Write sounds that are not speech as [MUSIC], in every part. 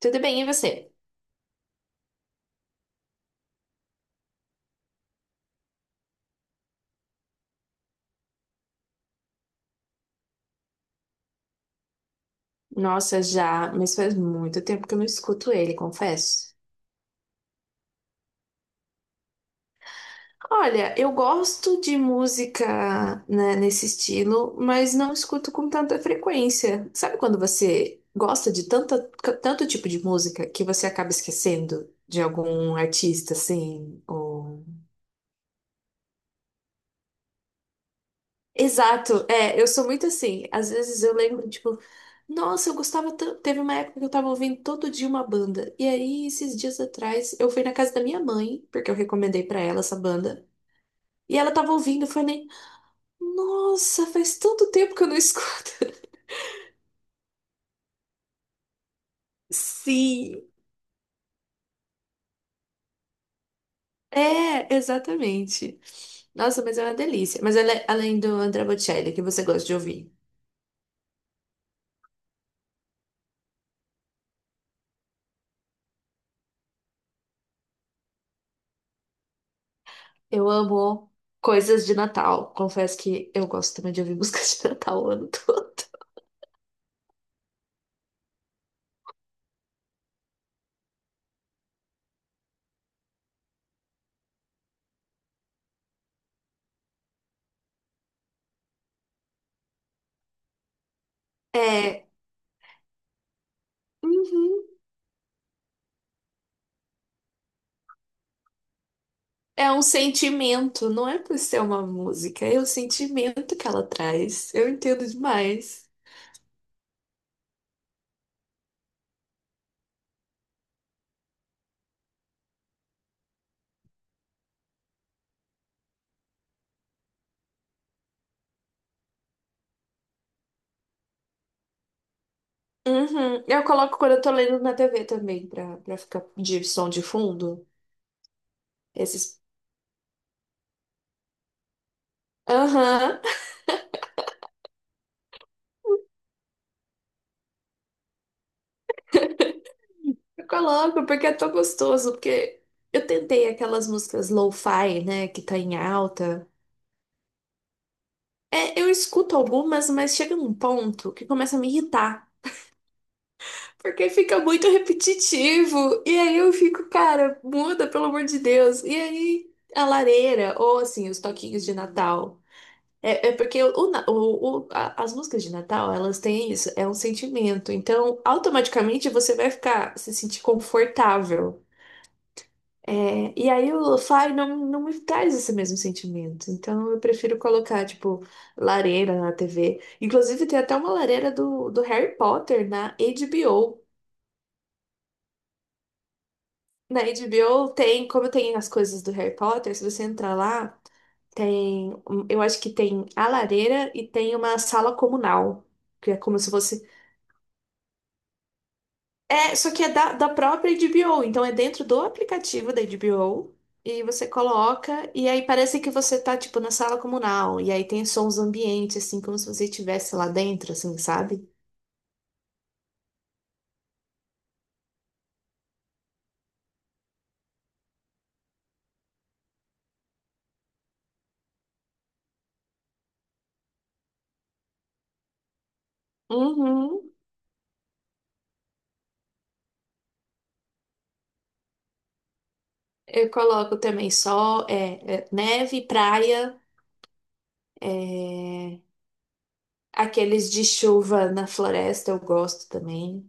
Tudo bem, e você? Nossa, já, mas faz muito tempo que eu não escuto ele, confesso. Olha, eu gosto de música, né, nesse estilo, mas não escuto com tanta frequência. Sabe quando você gosta de tanto tipo de música que você acaba esquecendo de algum artista, assim, ou... Exato, é, eu sou muito assim. Às vezes eu lembro, tipo, nossa, eu gostava tanto. Teve uma época que eu tava ouvindo todo dia uma banda. E aí, esses dias atrás, eu fui na casa da minha mãe, porque eu recomendei pra ela essa banda. E ela tava ouvindo, eu falei, nossa, faz tanto tempo que eu não escuto. [LAUGHS] Sim. É, exatamente. Nossa, mas é uma delícia. Mas além do André Bocelli, que você gosta de ouvir, eu amo coisas de Natal. Confesso que eu gosto também de ouvir [LAUGHS] músicas de Natal o ano todo. É, uhum. É um sentimento, não é por ser uma música, é o sentimento que ela traz. Eu entendo demais. Uhum. Eu coloco quando eu tô lendo na TV também, pra ficar de som de fundo. Esses. Aham. [LAUGHS] Eu coloco porque é tão gostoso, porque eu tentei aquelas músicas lo-fi, né, que tá em alta. É, eu escuto algumas, mas chega num ponto que começa a me irritar. Porque fica muito repetitivo. E aí eu fico, cara, muda, pelo amor de Deus. E aí a lareira, ou assim, os toquinhos de Natal. É, é porque o, na- o- a- as músicas de Natal, elas têm isso, é um sentimento. Então, automaticamente você vai ficar, se sentir confortável. É, e aí o lo-fi não me traz esse mesmo sentimento. Então, eu prefiro colocar, tipo, lareira na TV. Inclusive, tem até uma lareira do Harry Potter na HBO. Na HBO tem, como tem as coisas do Harry Potter, se você entrar lá, tem, eu acho que tem a lareira e tem uma sala comunal, que é como se fosse. É, só que é da própria HBO, então é dentro do aplicativo da HBO e você coloca e aí parece que você tá tipo na sala comunal e aí tem sons ambientes assim como se você estivesse lá dentro, assim, sabe? Uhum. Eu coloco também sol, neve, praia, é, aqueles de chuva na floresta eu gosto também.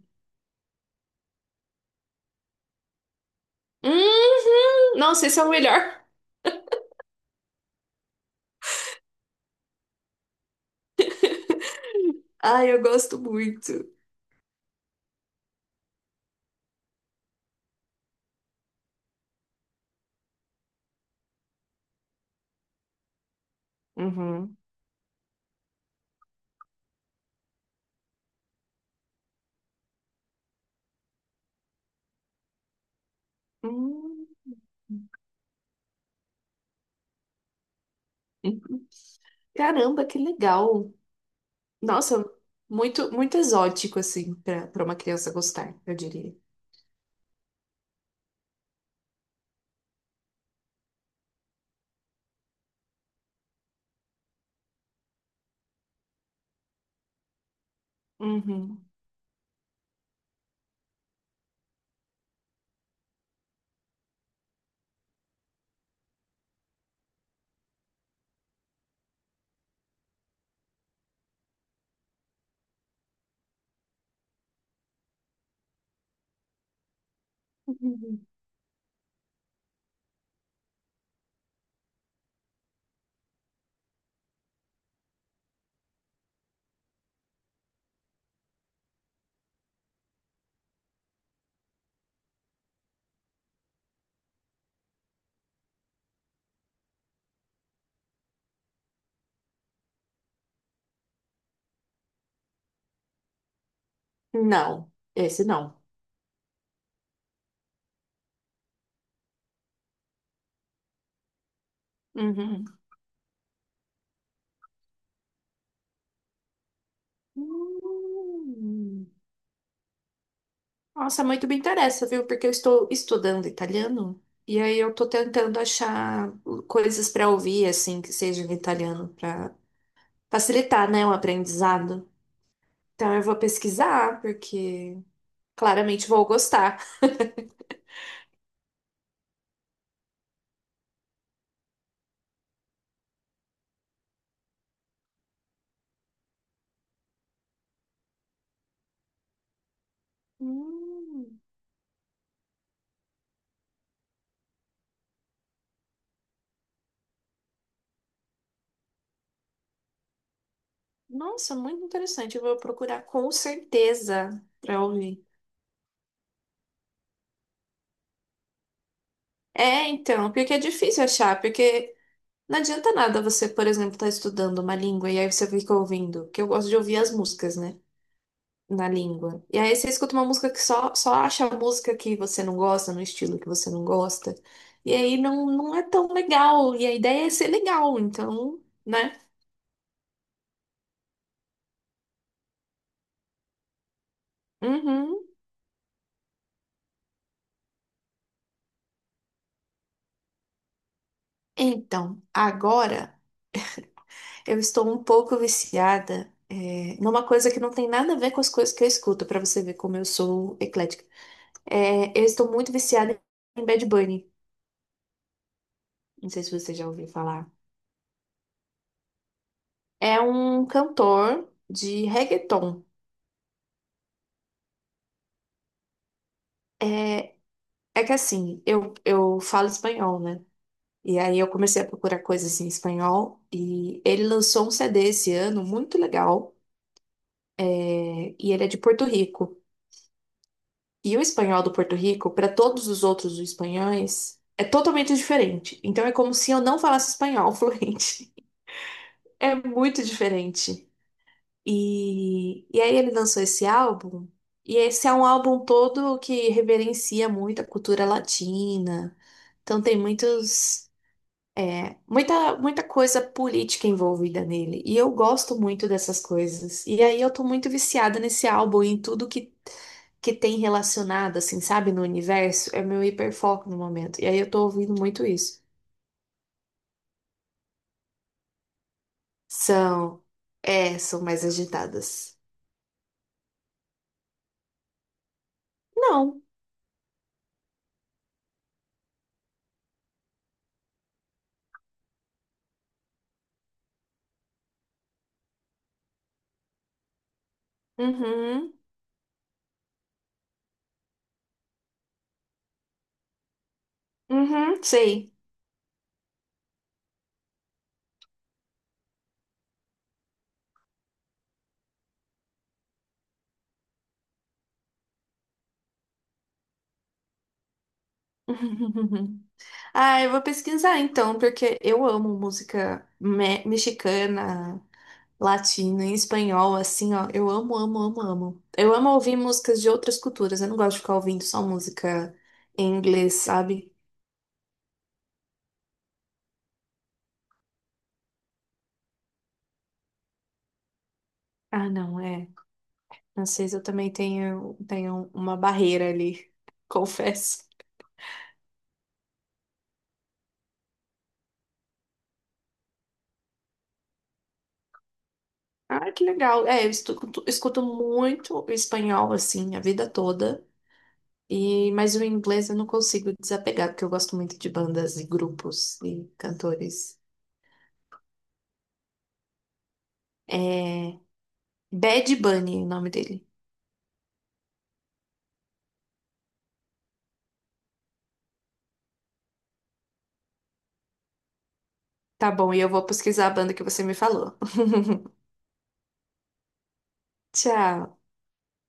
Uhum. Nossa, esse é o melhor. Ai, eu gosto muito. Uhum. Hum. Uhum. Caramba, que legal. Nossa, muito exótico, assim, pra uma criança gostar, eu diria. Uhum. Uhum. Não, esse não. Uhum. Hum. Nossa, muito me interessa, viu? Porque eu estou estudando italiano e aí eu estou tentando achar coisas para ouvir, assim, que sejam em italiano, para facilitar, né, o aprendizado. Então eu vou pesquisar, porque claramente vou gostar. Hum, nossa, muito interessante. Eu vou procurar com certeza para ouvir. É, então, porque é difícil achar, porque não adianta nada você, por exemplo, estar estudando uma língua e aí você fica ouvindo, que eu gosto de ouvir as músicas, né? Na língua. E aí você escuta uma música que só acha a música que você não gosta, no estilo que você não gosta. E aí não é tão legal. E a ideia é ser legal, então, né? Uhum. Então, agora eu estou um pouco viciada, é, numa coisa que não tem nada a ver com as coisas que eu escuto, pra você ver como eu sou eclética. É, eu estou muito viciada em Bad Bunny. Não sei se você já ouviu falar. É um cantor de reggaeton. É É que assim, eu falo espanhol, né? E aí eu comecei a procurar coisas em espanhol e ele lançou um CD esse ano muito legal, é, e ele é de Porto Rico. E o espanhol do Porto Rico, para todos os outros espanhóis, é totalmente diferente. Então é como se eu não falasse espanhol fluente. [LAUGHS] É muito diferente. E aí ele lançou esse álbum e esse é um álbum todo que reverencia muito a cultura latina. Então tem muitos, é, muita coisa política envolvida nele. E eu gosto muito dessas coisas. E aí eu tô muito viciada nesse álbum e em tudo que tem relacionado, assim, sabe, no universo. É meu hiperfoco no momento. E aí eu tô ouvindo muito isso. São. É, são mais agitadas. Não. Uhum. Uhum, sei. [LAUGHS] Ah, eu vou pesquisar então, porque eu amo música mexicana. Latina, em espanhol, assim, ó. Eu amo, amo, amo, amo. Eu amo ouvir músicas de outras culturas. Eu não gosto de ficar ouvindo só música em inglês, sabe? Ah, não, é. Francês eu também tenho, tenho uma barreira ali, [LAUGHS] confesso. Ah, que legal. É, escuto muito espanhol, assim, a vida toda. E, mas o inglês eu não consigo desapegar, porque eu gosto muito de bandas e grupos e cantores. É Bad Bunny, o nome dele. Tá bom, e eu vou pesquisar a banda que você me falou. [LAUGHS] Tchau.